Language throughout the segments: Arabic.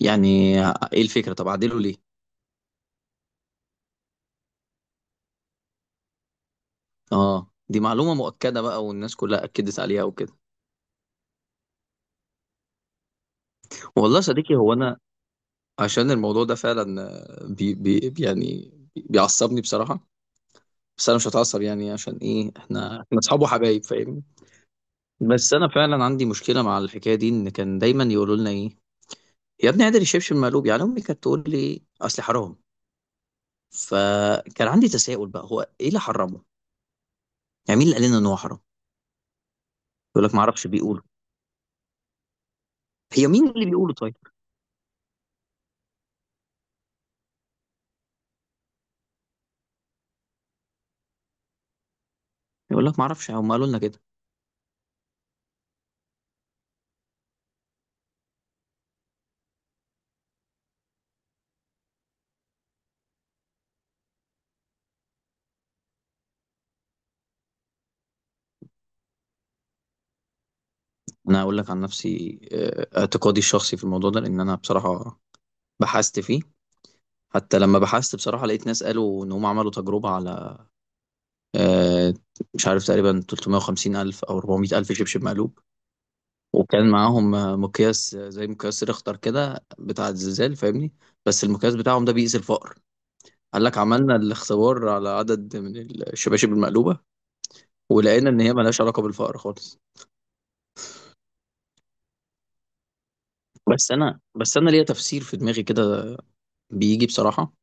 يعني، ايه الفكرة؟ طب اعدله ليه؟ اه، دي معلومة مؤكدة بقى، والناس كلها اكدت عليها وكده. والله يا صديقي، هو انا عشان الموضوع ده فعلا بي بي يعني بيعصبني بصراحة. بس انا مش هتعصب، يعني عشان ايه؟ احنا اصحاب وحبايب، فاهمني. بس انا فعلا عندي مشكلة مع الحكاية دي. ان كان دايما يقولوا لنا ايه، يا ابني قادر الشبشب مقلوب، يعني امي كانت تقول لي اصل حرام. فكان عندي تساؤل بقى، هو ايه اللي حرمه؟ يعني مين اللي قال لنا ان هو حرام؟ يقول لك ما اعرفش، بيقولوا. هي مين اللي بيقولوا؟ طيب. يقول لك ما اعرفش، هم قالوا لنا كده. انا اقول لك عن نفسي، اعتقادي الشخصي في الموضوع ده، لان انا بصراحه بحثت فيه. حتى لما بحثت بصراحه، لقيت ناس قالوا ان هم عملوا تجربه على آه، مش عارف، تقريبا 350 الف او 400 الف شبشب مقلوب. وكان معاهم مقياس زي مقياس ريختر كده بتاع الزلزال، فاهمني. بس المقياس بتاعهم ده بيقيس الفقر. قال لك عملنا الاختبار على عدد من الشباشب المقلوبه، ولقينا ان هي ملهاش علاقه بالفقر خالص. بس انا ليا تفسير في دماغي كده، بيجي بصراحه.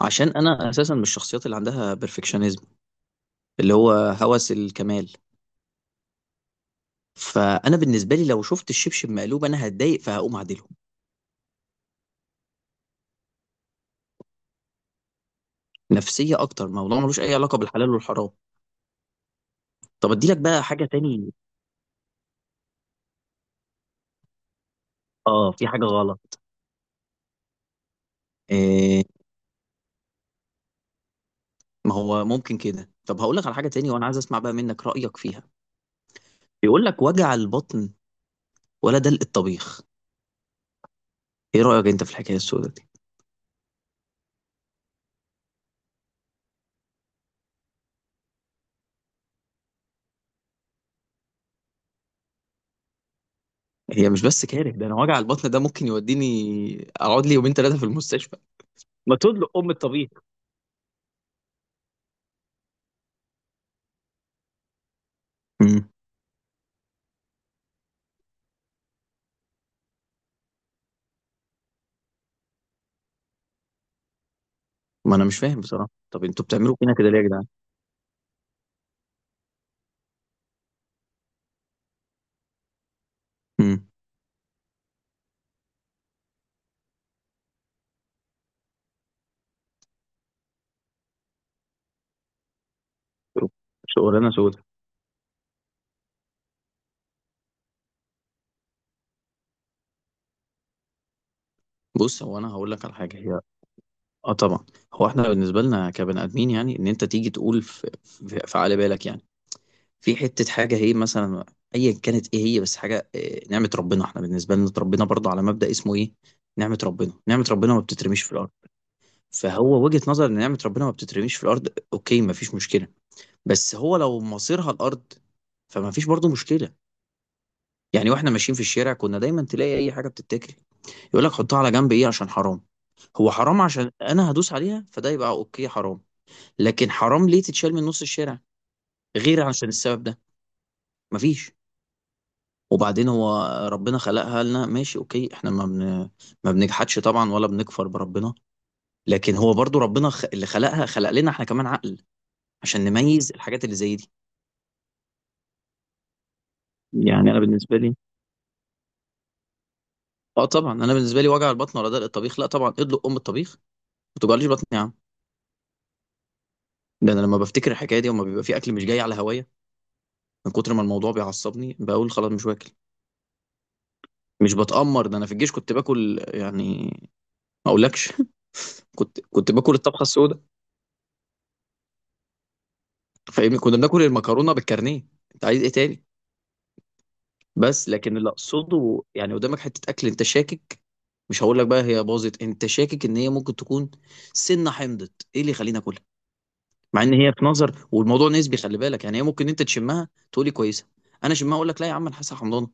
عشان انا اساسا من الشخصيات اللي عندها بيرفكشنزم، اللي هو هوس الكمال. فانا بالنسبه لي لو شفت الشبشب مقلوب، انا هتضايق فهقوم اعدله. نفسيه اكتر، موضوع ملوش اي علاقه بالحلال والحرام. طب ادي لك بقى حاجه تاني. اه، في حاجه غلط. إيه، ما هو ممكن كده. طب هقول لك على حاجه تاني، وانا عايز اسمع بقى منك رايك فيها. بيقول لك وجع البطن ولا دلق الطبيخ؟ ايه رايك انت في الحكايه السوداء دي؟ هي مش بس كاره ده، انا وجع البطن ده ممكن يوديني اقعد لي يومين ثلاثه في المستشفى. ما تدلق ام الطبيخ. ما أنا مش فاهم بصراحة. طب أنتوا بتعملوا فينا كده ليه يا جدعان؟ إمم. شغلانة سودا. بُص، هو أنا هاقول لك على حاجة، هي آه طبعًا. هو إحنا بالنسبة لنا كبني آدمين، يعني إن أنت تيجي تقول ف ف في على بالك، يعني، في حتّة حاجة هي مثلًا أيًا كانت إيه هي، بس حاجة نعمة ربنا. إحنا بالنسبة لنا اتربينا برضه على مبدأ اسمه إيه، نعمة ربنا. نعمة ربنا ما بتترميش في الأرض. فهو وجهة نظر إن نعمة ربنا ما بتترميش في الأرض، أوكي، ما فيش مشكلة. بس هو لو مصيرها الأرض، فما فيش برضه مشكلة. يعني واحنا ماشيين في الشارع كنا دايما تلاقي اي حاجه بتتاكل، يقول لك حطها على جنب، ايه عشان حرام؟ هو حرام عشان انا هدوس عليها؟ فده يبقى اوكي حرام. لكن حرام ليه تتشال من نص الشارع غير عشان السبب ده؟ مفيش. وبعدين هو ربنا خلقها لنا ماشي، اوكي، احنا ما بنجحدش طبعا ولا بنكفر بربنا. لكن هو برضو ربنا اللي خلقها خلق لنا احنا كمان عقل، عشان نميز الحاجات اللي زي دي. يعني انا بالنسبه لي، اه طبعا، انا بالنسبه لي وجع البطن ولا دلق الطبيخ؟ لا طبعا ادلق ام الطبيخ. ما توجعليش بطني يا عم. ده انا لما بفتكر الحكايه دي وما بيبقى في اكل مش جاي على هوايه، من كتر ما الموضوع بيعصبني بقول خلاص مش واكل. مش بتأمر، ده انا في الجيش كنت باكل يعني، ما اقولكش كنت باكل الطبخه السوداء. فاهمني، كنا بناكل المكرونه بالكارنيه، انت عايز ايه تاني؟ بس لكن اللي اقصده يعني قدامك حته اكل انت شاكك، مش هقول لك بقى هي باظت، انت شاكك ان هي ممكن تكون سنه حمضت، ايه اللي يخليني اكلها؟ مع ان هي في نظر والموضوع نسبي خلي بالك، يعني هي ممكن انت تشمها تقولي كويسه، انا شمها اقول لك لا يا عم انا حاسه حمضان.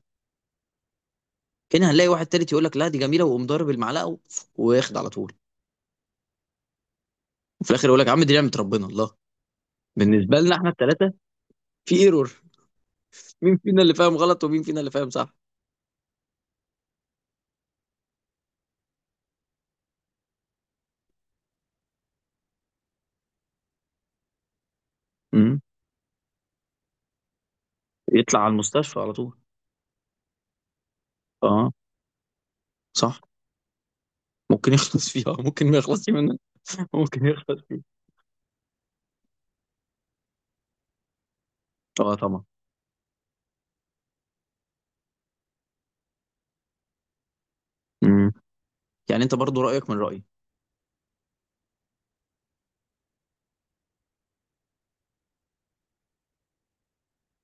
هنا هنلاقي واحد تالت يقول لك لا دي جميله، ويقوم ضارب المعلقه وياخد على طول. وفي الاخر يقول لك يا عم دي نعمه ربنا، الله. بالنسبه لنا احنا الثلاثه، في ايرور. مين فينا اللي فاهم غلط ومين فينا اللي فاهم صح؟ امم يطلع على المستشفى على طول. اه صح، ممكن يخلص فيها ممكن ما يخلصش منها. ممكن يخلص. اه طبعا. امم يعني انت برضو رايك من رايي.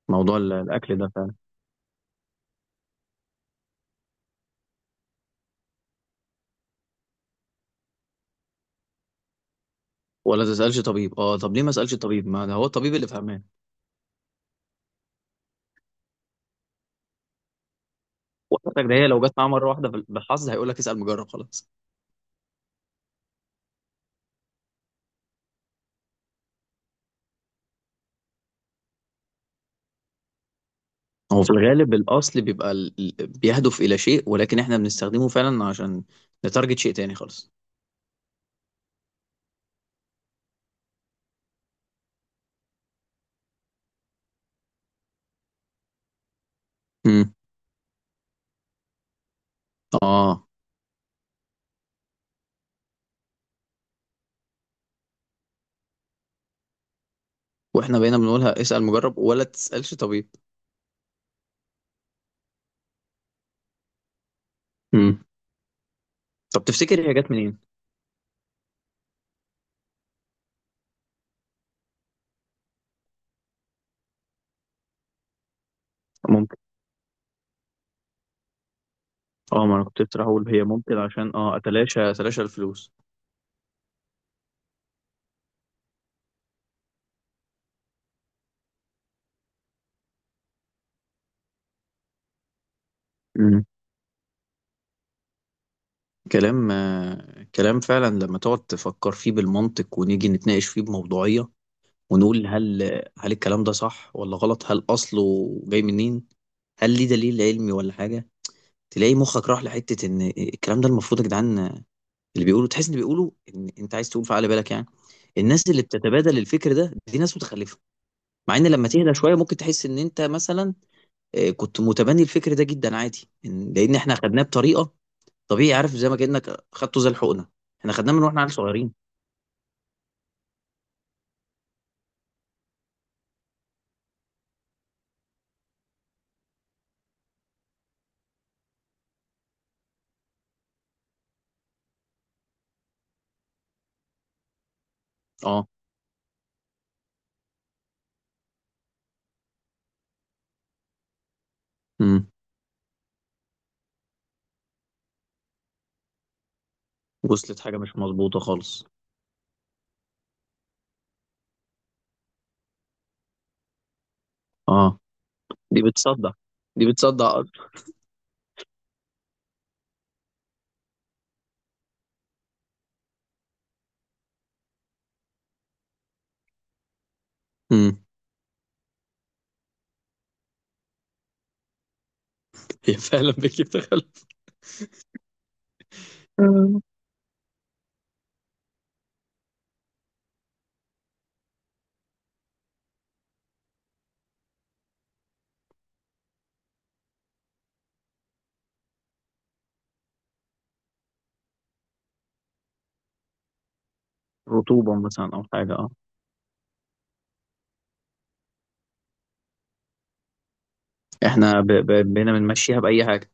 موضوع الاكل ده فعلا. ولا تسالش طبيب. اه طب ليه ما اسالش طبيب؟ ما ده هو الطبيب اللي فهمان. وحضرتك ده هي لو جت معاه مره واحده بالحظ، هيقول لك اسال مجرب خلاص. هو في الغالب الأصل بيبقى بيهدف إلى شيء، ولكن إحنا بنستخدمه فعلا عشان نتارجت شيء تاني خالص. امم آه وإحنا بقينا بنقولها اسأل مجرب ولا تسألش طبيب. امم طب تفتكر هي جت منين؟ ممكن، اه ما انا كنت لسه هقول هي ممكن عشان اتلاشى الفلوس. امم كلام فعلا لما تقعد تفكر فيه بالمنطق ونيجي نتناقش فيه بموضوعية، ونقول هل الكلام ده صح ولا غلط؟ هل اصله جاي منين؟ هل ليه دليل علمي ولا حاجة؟ تلاقي مخك راح لحته ان الكلام ده المفروض يا جدعان، اللي بيقولوا تحس ان بيقولوا ان انت عايز تقول في عقل بالك، يعني الناس اللي بتتبادل الفكر ده دي ناس متخلفه. مع ان لما تهدى شويه ممكن تحس ان انت مثلا كنت متبني الفكر ده جدا عادي. لان احنا خدناه بطريقه طبيعي، عارف زي ما كانك خدته زي الحقنه، احنا خدناه من واحنا عيال صغيرين. اه، امم وصلت حاجه مش مظبوطه خالص. اه، دي بتصدع. دي بتصدع اكتر. امم هي فعلا بتجيب تخلف. رطوبه مثلا او حاجه اه احنا بقينا بنمشيها بأي حاجة.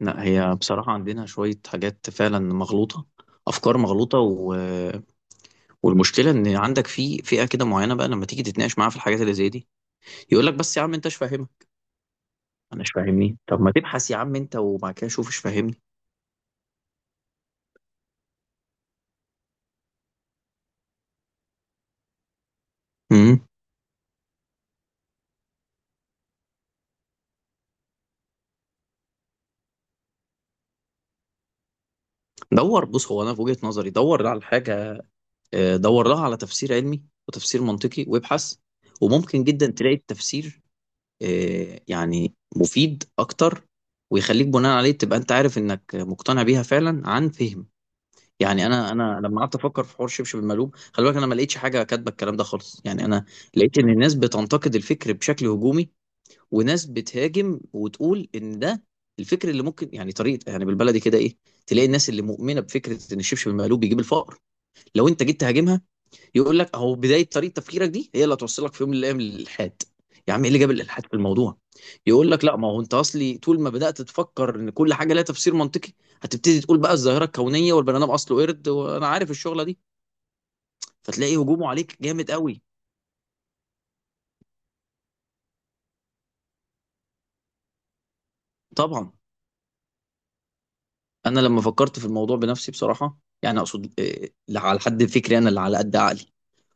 لا، هي بصراحة عندنا شوية حاجات فعلا مغلوطة، أفكار مغلوطة والمشكلة إن عندك في فئة كده معينة بقى لما تيجي تتناقش معاها في الحاجات اللي زي دي، يقول لك بس يا عم أنت مش فاهمها. أنا مش فاهمني؟ طب ما تبحث يا عم أنت وبعد كده شوف، مش فاهمني؟ امم دور. بص هو أنا في وجهة نظري دور على الحاجة، دور لها على تفسير علمي وتفسير منطقي وابحث. وممكن جدا تلاقي التفسير، يعني مفيد اكتر، ويخليك بناء عليه تبقى انت عارف انك مقتنع بيها فعلا عن فهم. يعني انا لما قعدت افكر في حوار شبشب المقلوب، خلي بالك انا ما لقيتش حاجه كاتبه الكلام ده خالص، يعني انا لقيت ان الناس بتنتقد الفكر بشكل هجومي، وناس بتهاجم وتقول ان ده الفكر اللي ممكن يعني طريقه، يعني بالبلدي كده ايه، تلاقي الناس اللي مؤمنه بفكره ان الشبشب المقلوب بيجيب الفقر، لو انت جيت تهاجمها يقول لك اهو بدايه طريقه تفكيرك دي هي اللي هتوصلك في يوم من الايام للالحاد. يا عم ايه اللي جاب الالحاد في الموضوع؟ يقول لك لا ما هو انت اصلي طول ما بدات تفكر ان كل حاجه لها تفسير منطقي، هتبتدي تقول بقى الظاهره الكونيه والبني ادم اصله قرد، وانا عارف الشغله دي. فتلاقي هجومه عليك جامد قوي. طبعا انا لما فكرت في الموضوع بنفسي بصراحه، يعني اقصد لا على حد فكري انا اللي على قد عقلي،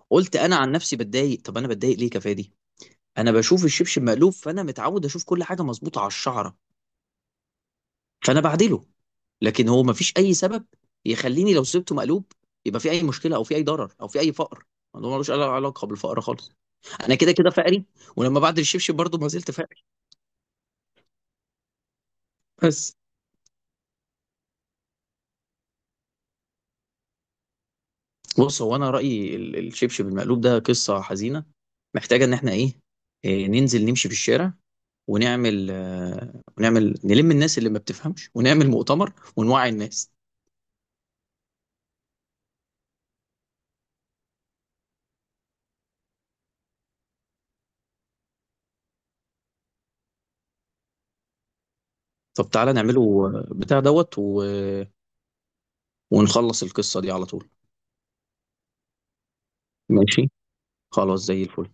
قلت انا عن نفسي بتضايق، طب انا بتضايق ليه؟ كفايه دي. انا بشوف الشبشب مقلوب فانا متعود اشوف كل حاجه مظبوطه على الشعره، فانا بعدله. لكن هو مفيش اي سبب يخليني لو سبته مقلوب يبقى في اي مشكله او في اي ضرر او في اي فقر. الموضوع ملوش أي علاقه بالفقر خالص. انا كده كده فقري، ولما بعد الشبشب برضه ما زلت فقري، بس. بص هو انا رايي الشبشب المقلوب ده قصه حزينه، محتاجه ان احنا ايه، إيه، ننزل نمشي في الشارع ونعمل نلم الناس اللي ما بتفهمش ونعمل مؤتمر ونوعي الناس. طب تعالى نعمله بتاع دوت ونخلص القصة دي على طول. ماشي. خلاص زي الفل.